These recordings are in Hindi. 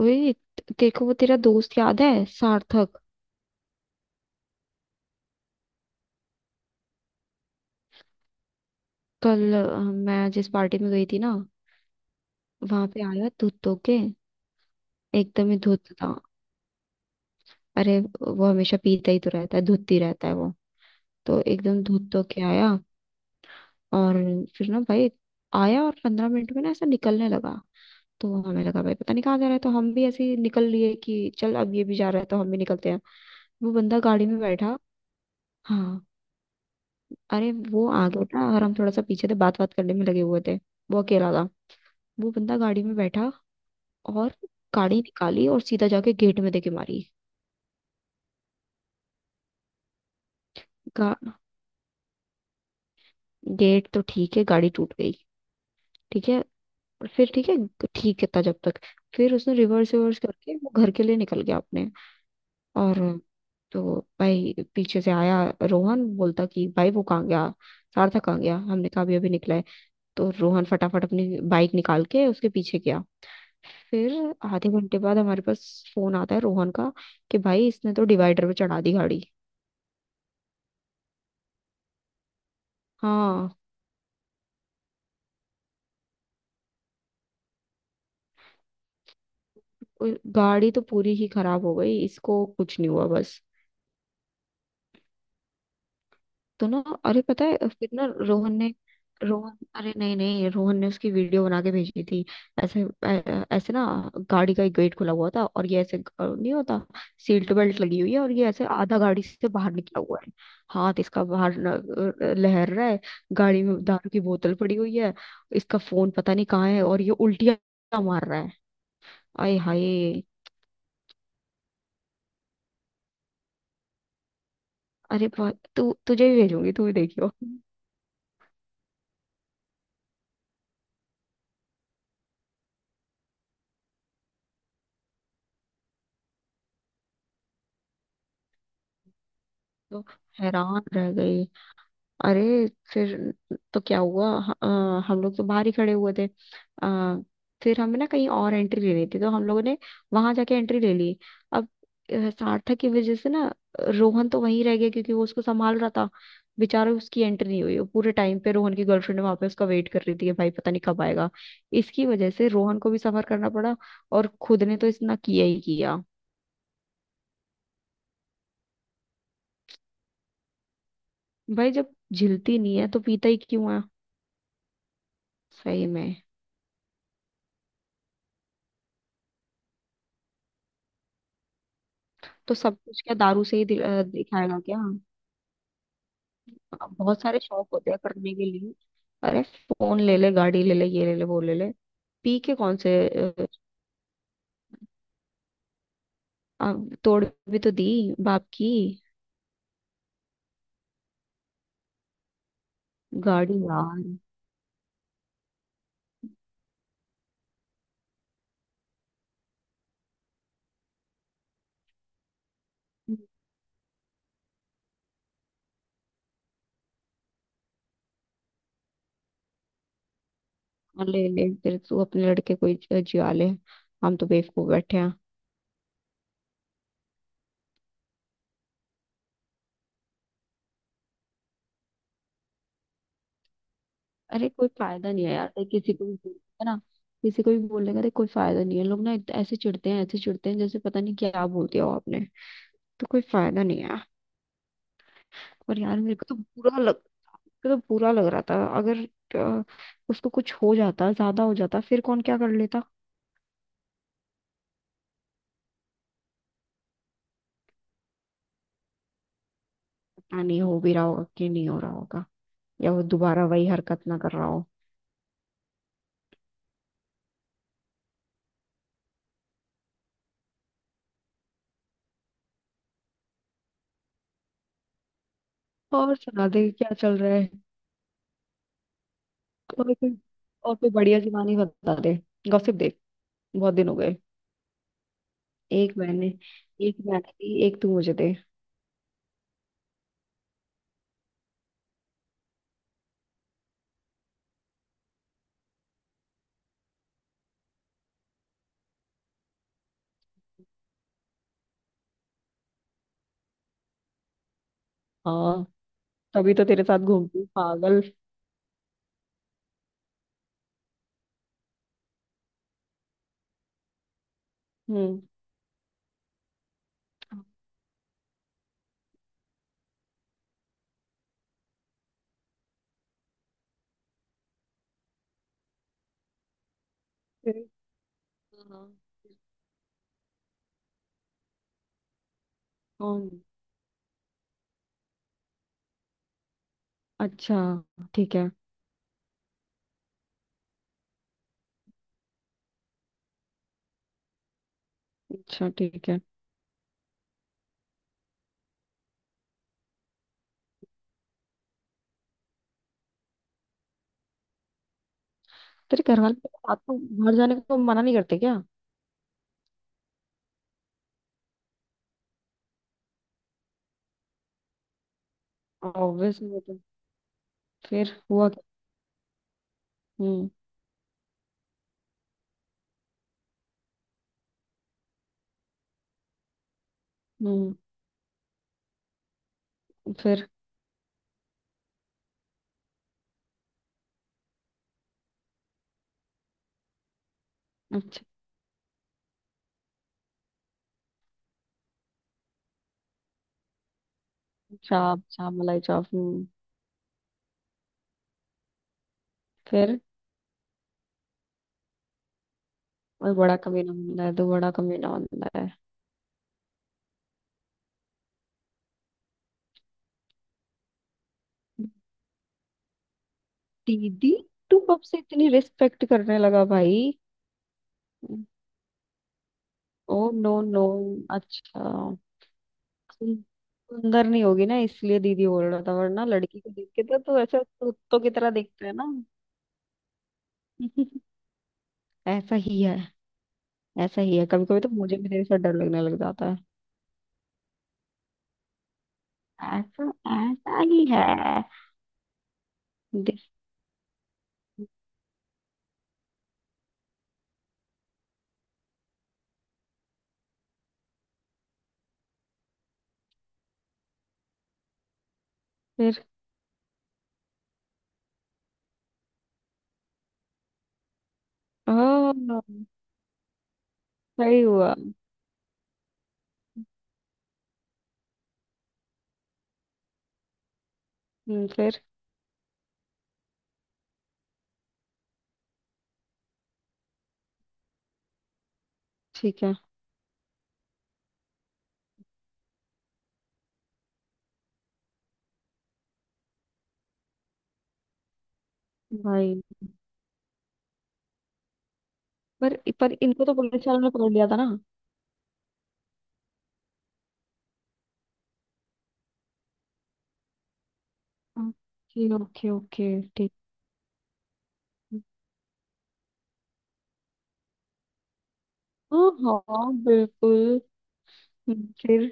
वही। तेरे को वो तेरा दोस्त याद है, सार्थक? कल मैं जिस पार्टी में गई थी ना, वहां पे आया धुत धो के। एकदम ही धुत था। अरे वो हमेशा पीता ही तो रहता है, धुत ही रहता है वो। तो एकदम धुत धो के आया। और फिर ना भाई, आया और 15 मिनट में ना ऐसा निकलने लगा। तो हमें लगा भाई पता नहीं कहाँ जा रहा है, तो हम भी ऐसे ही निकल लिए कि चल अब ये भी जा रहा है तो हम भी निकलते हैं। वो बंदा गाड़ी में बैठा। हाँ। अरे वो आगे था और हम थोड़ा सा पीछे थे, बात बात करने में लगे हुए थे। वो अकेला था। वो बंदा गाड़ी में बैठा, और गाड़ी निकाली और सीधा जाके गेट में देके मारी। गा, गेट तो ठीक है, गाड़ी टूट गई। ठीक है। और फिर ठीक है। ठीक है था जब तक। फिर उसने रिवर्स रिवर्स करके वो घर के लिए निकल गया अपने। और तो भाई पीछे से आया। रोहन बोलता कि भाई वो कहाँ गया, सार्थक कहाँ गया? हमने कहा अभी अभी निकला है। तो रोहन फटाफट अपनी बाइक निकाल के उसके पीछे गया। फिर आधे घंटे बाद हमारे पास फोन आता है रोहन का कि भाई इसने तो डिवाइडर पे चढ़ा दी गाड़ी। हाँ। गाड़ी तो पूरी ही खराब हो गई, इसको कुछ नहीं हुआ बस। तो ना, अरे पता है, फिर ना रोहन ने... रोहन, अरे नहीं, नहीं, रोहन ने उसकी वीडियो बना के भेजी थी। ऐसे ऐसे ना। गाड़ी का एक गेट खुला हुआ था, और ये ऐसे नहीं होता। सीट बेल्ट लगी हुई है, और ये ऐसे आधा गाड़ी से बाहर निकला हुआ है। हाथ इसका बाहर लहर रहा है। गाड़ी में दारू की बोतल पड़ी हुई है। इसका फोन पता नहीं कहाँ है, और ये उल्टियां मार रहा है। आए हाय। अरे तू, तुझे भी भेजूंगी, तू भी देखियो। तो हैरान रह गई, अरे। फिर तो क्या हुआ? हम लोग तो बाहर ही खड़े हुए थे। आ, फिर हमें ना कहीं और एंट्री लेनी थी, तो हम लोगों ने वहां जाके एंट्री ले ली। अब सार्थक की वजह से ना, रोहन तो वहीं रह गया, क्योंकि वो उसको संभाल रहा था। बेचारा, उसकी एंट्री नहीं हुई। वो पूरे टाइम पे रोहन की गर्लफ्रेंड वहां पे उसका वेट कर रही थी कि भाई पता नहीं कब आएगा। इसकी वजह से रोहन को भी सफर करना पड़ा। और खुद ने तो इतना किया ही किया। भाई, जब झिलती नहीं है तो पीता ही क्यों है? सही में। तो सब कुछ क्या दारू से ही दिखाएगा क्या? बहुत सारे शौक होते हैं करने के लिए। अरे फोन ले ले, गाड़ी ले ले, ये ले ले, वो ले ले। पी के कौन से अ, तोड़ भी तो दी बाप की गाड़ी यार। हाँ, ले ले फिर तू अपने लड़के को ही जिया ले। हम तो बेवकूफ बैठे हैं। अरे कोई फायदा नहीं है यार, देख किसी को भी है ना? किसी को भी बोलने का देख कोई फायदा नहीं है। लोग ना ऐसे चिढ़ते हैं, ऐसे चिढ़ते हैं जैसे पता नहीं क्या बोल दिया हो आपने। तो कोई फायदा नहीं है। और यार मेरे को तो बुरा लग रहा था, अगर अ, उसको कुछ हो जाता, ज्यादा हो जाता, फिर कौन क्या कर लेता। पता नहीं हो भी रहा होगा कि नहीं हो रहा होगा, या वो दोबारा वही हरकत ना कर रहा हो। और सुना दे, क्या चल रहा है। और कोई, और कोई बढ़िया सी कहानी बता दे। गॉसिप देख, बहुत दिन हो गए। एक मैंने एक मैंने दी, एक तू मुझे दे। हाँ, तभी तो तेरे साथ घूमती हूँ, पागल। हम्म। फिर? हाँ, कौन? अच्छा, ठीक है। अच्छा, ठीक है। तेरे घर वाले आपको बाहर जाने को मना नहीं करते क्या? ऑब्वियस, वो तो। फिर हुआ क्या? हम्म। हम्म, फिर? अच्छा। चाप चाप, मलाई चाप, हम्म। फिर। और बड़ा कमीना बंदा है, तो बड़ा कमीना बंदा है। दीदी? तू कब से इतनी रिस्पेक्ट करने लगा भाई? Oh, no no. अच्छा। सुन- सुंदर नहीं होगी ना, इसलिए दीदी बोल रहा था, वरना लड़की को देख के तो तू ऐसे कुत्तों की तरह देखता है ना। ऐसा ही है। ऐसा ही है, कभी कभी तो मुझे भी तेरे साथ डर लगने लग जाता है। ऐसा ऐसा ही है। फिर हाँ। सही हुआ। फिर ठीक है भाई। पर इनको तो पुलिस वालों ने पकड़ लिया था ना? Okay okay okay. ठीक। हाँ हाँ, बिल्कुल। फिर?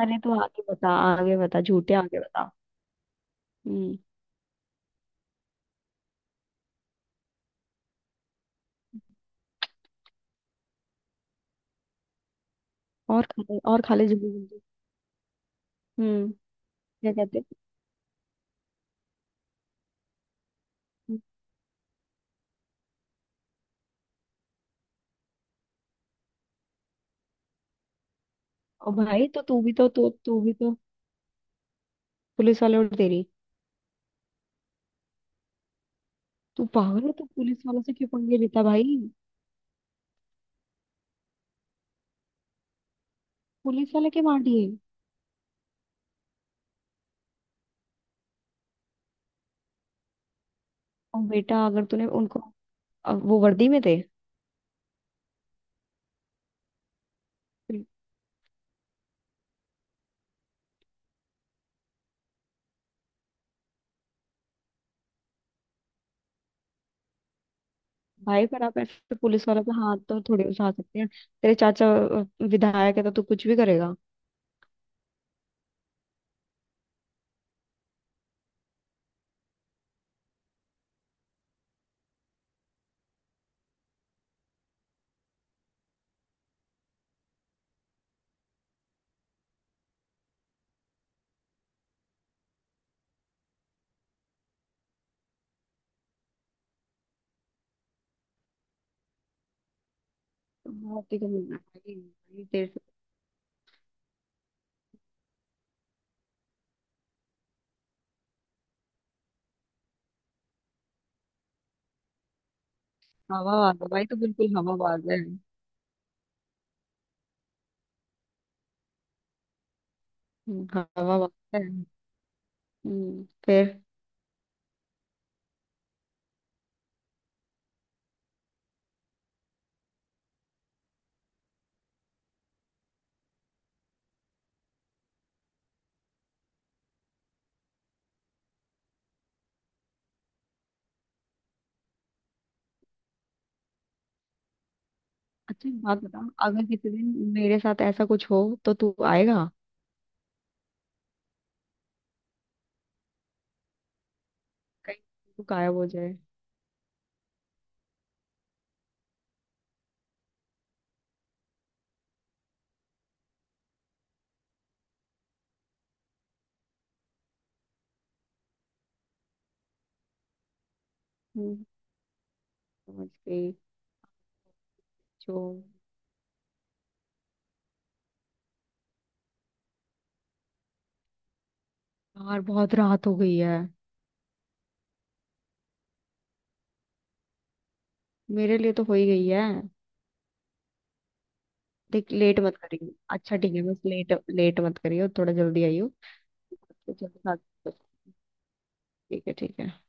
अरे तू आगे बता, आगे बता, झूठे, आगे बता। हम्म। और खा ले, और खा ले जल्दी जल्दी। हम्म। क्या कहते हैं? हम्म। और भाई तो तू भी तो तू तू भी तो पुलिस वाले और तेरी? तू पागल है, तू पुलिस वालों से क्यों पंगे लेता भाई? पुलिस वाले के मार दिए? और बेटा अगर तूने उनको... वो वर्दी में थे। भाई पर आप ऐसे तो पुलिस वालों पे हाथ तो थोड़ी उठा सकते हैं। तेरे चाचा विधायक है, तो तू कुछ भी करेगा। बहुत ही कम है भाई, भाई, तेरे से। हवाबाज है भाई, तो बिल्कुल हवाबाज है। हम्म, हवाबाज है। फिर? अच्छा एक बात बता, अगर किसी दिन मेरे साथ ऐसा कुछ हो तो तू आएगा? कहीं तू गायब हो जाए। हम्म, समझ गई जो। यार बहुत रात हो गई है। मेरे लिए तो हो ही गई है। देख, लेट मत करियो, अच्छा ठीक है, बस लेट लेट मत करियो, थोड़ा जल्दी आइयो। ठीक है हाँ, ठीक है ठीक है।